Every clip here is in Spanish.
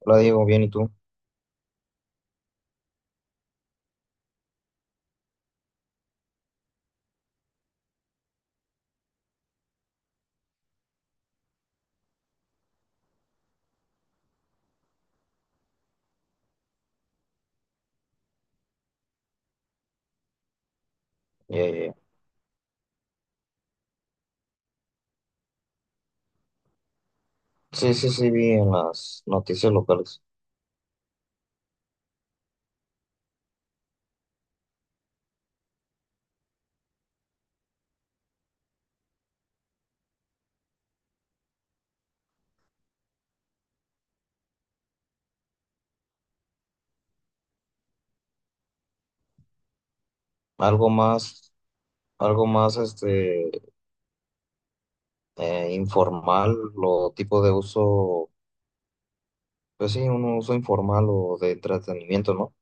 Hola Diego, bien, ¿y tú? Ya, ya, ya. Sí, sí, sí, vi en las noticias locales. Algo más, algo más, informal o tipo de uso, pues sí, un uso informal o de entretenimiento, ¿no?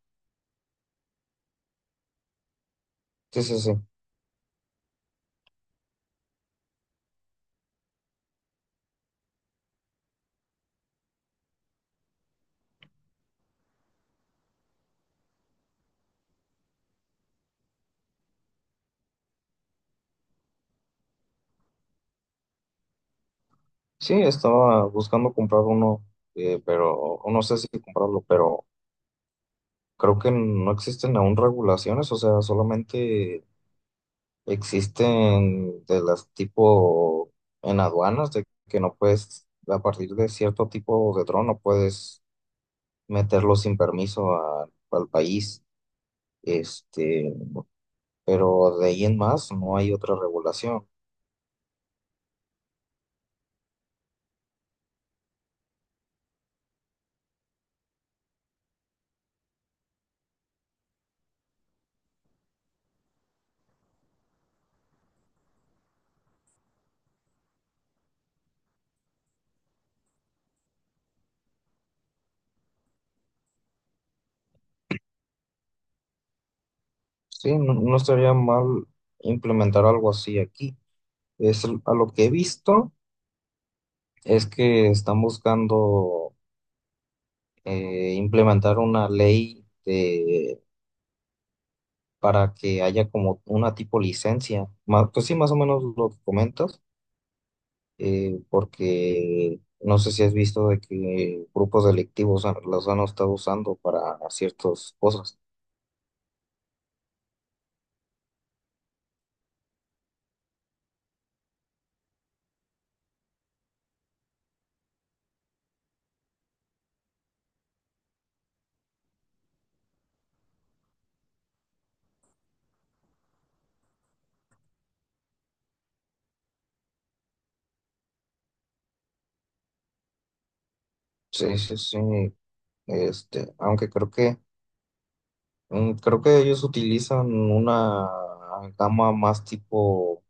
Sí, sí, sí. Sí, estaba buscando comprar uno, pero no sé si comprarlo, pero creo que no existen aún regulaciones, o sea, solamente existen de las tipo en aduanas, de que no puedes, a partir de cierto tipo de dron, no puedes meterlo sin permiso al país. Este, pero de ahí en más no hay otra regulación. Sí, no, no estaría mal implementar algo así aquí. Es, a lo que he visto es que están buscando implementar una ley para que haya como una tipo licencia. Pues sí, más o menos lo que comentas, porque no sé si has visto de que grupos delictivos los han estado usando para ciertas cosas. Sí, sí, sí. Aunque creo que creo que ellos utilizan una gama más tipo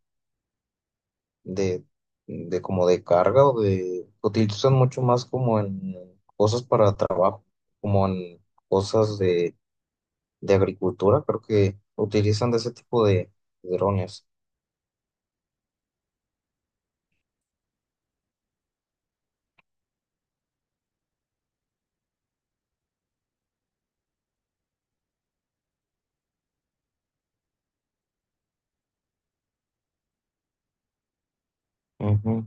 de, de como de carga o de utilizan mucho más como en cosas para trabajo, como en cosas de agricultura, creo que utilizan de ese tipo de drones. Ujú.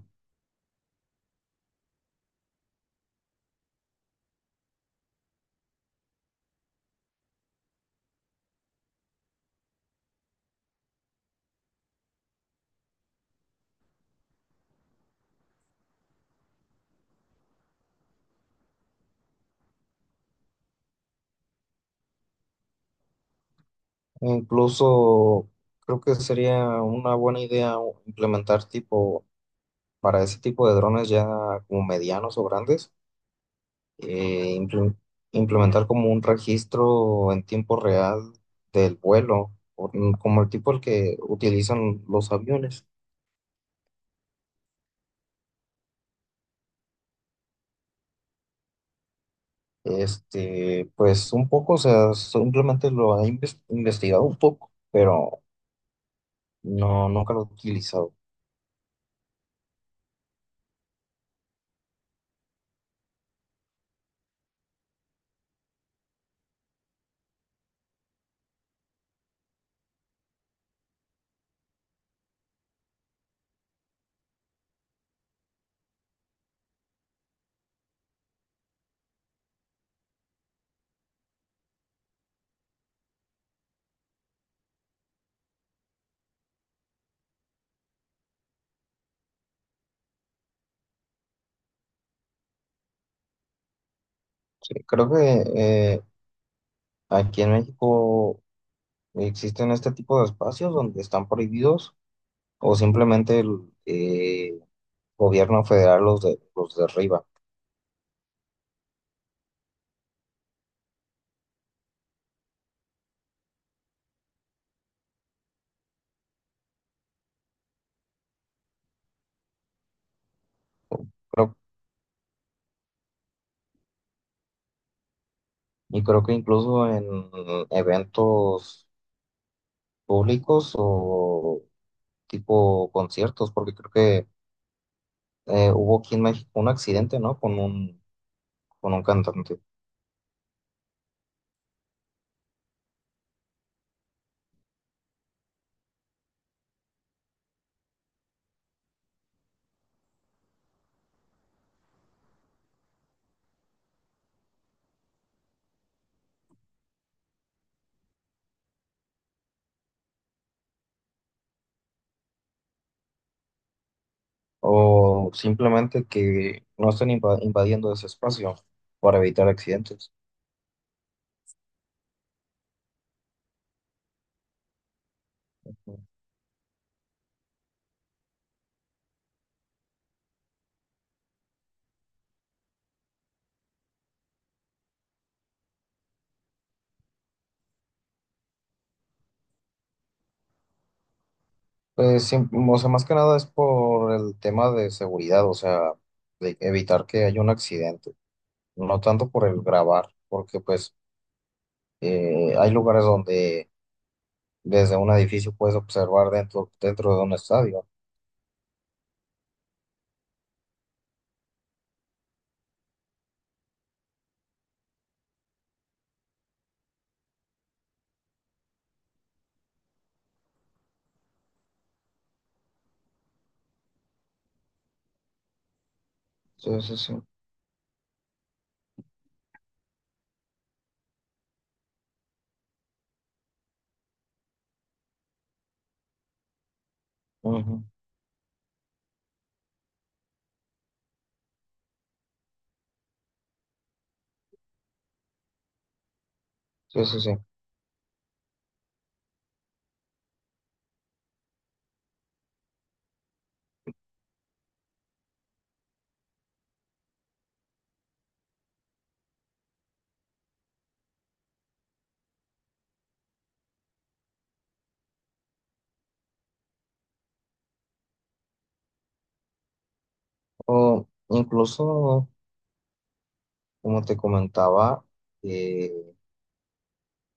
E incluso creo que sería una buena idea implementar tipo, para ese tipo de drones ya como medianos o grandes, eh, imple- implementar como un registro en tiempo real del vuelo, como el tipo el que utilizan los aviones. Este, pues un poco, o sea, simplemente lo he investigado un poco, pero no, nunca lo he utilizado. Sí, creo que eh, aquí en México existen este tipo de espacios donde están prohibidos o simplemente el eh, gobierno federal los derriba. Creo- Creo que incluso en eventos públicos o tipo conciertos, porque creo que hubo aquí en México un accidente, ¿no? Con un cantante. O simplemente que no estén invadiendo ese espacio para evitar accidentes. Pues, sí, o sea, más que nada es por el tema de seguridad, o sea, de evitar que haya un accidente, no tanto por el grabar, porque pues hay lugares donde desde un edificio puedes observar dentro, dentro de un estadio. Sí, sí, sí. Ujú. Sí, sí, sí. O incluso, como te comentaba, eh,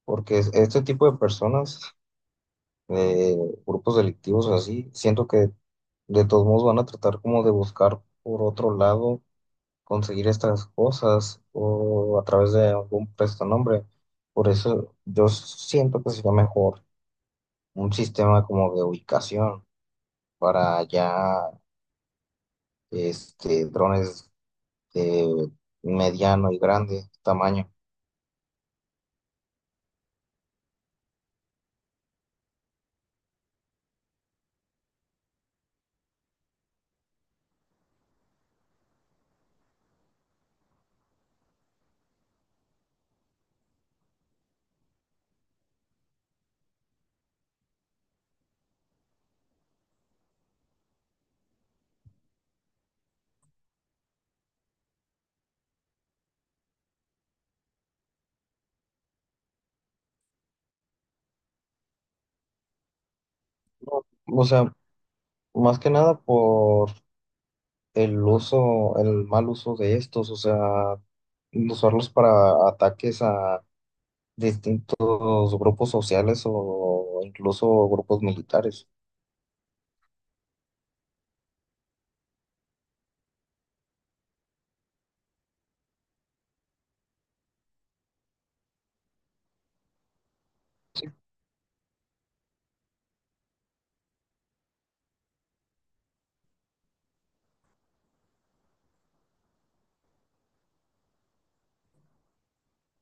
porque este tipo de personas, eh, grupos delictivos así, siento que de todos modos van a tratar como de buscar por otro lado conseguir estas cosas o a través de algún prestanombre. Por eso yo siento que sería mejor un sistema como de ubicación para ya este, drones de mediano y grande tamaño. O sea, más que nada por el uso, el mal uso de estos, o sea, usarlos para ataques a distintos grupos sociales o incluso grupos militares.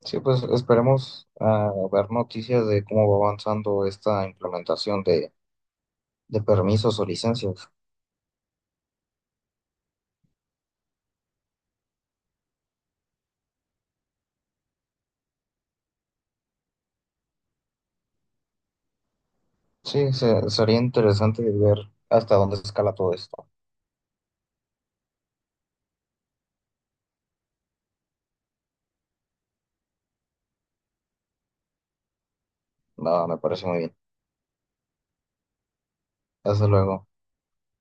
Sí, pues esperemos ver noticias de cómo va avanzando esta implementación de permisos o licencias. Sí, sería interesante ver hasta dónde escala todo esto. Nada, me parece muy bien. Hasta luego.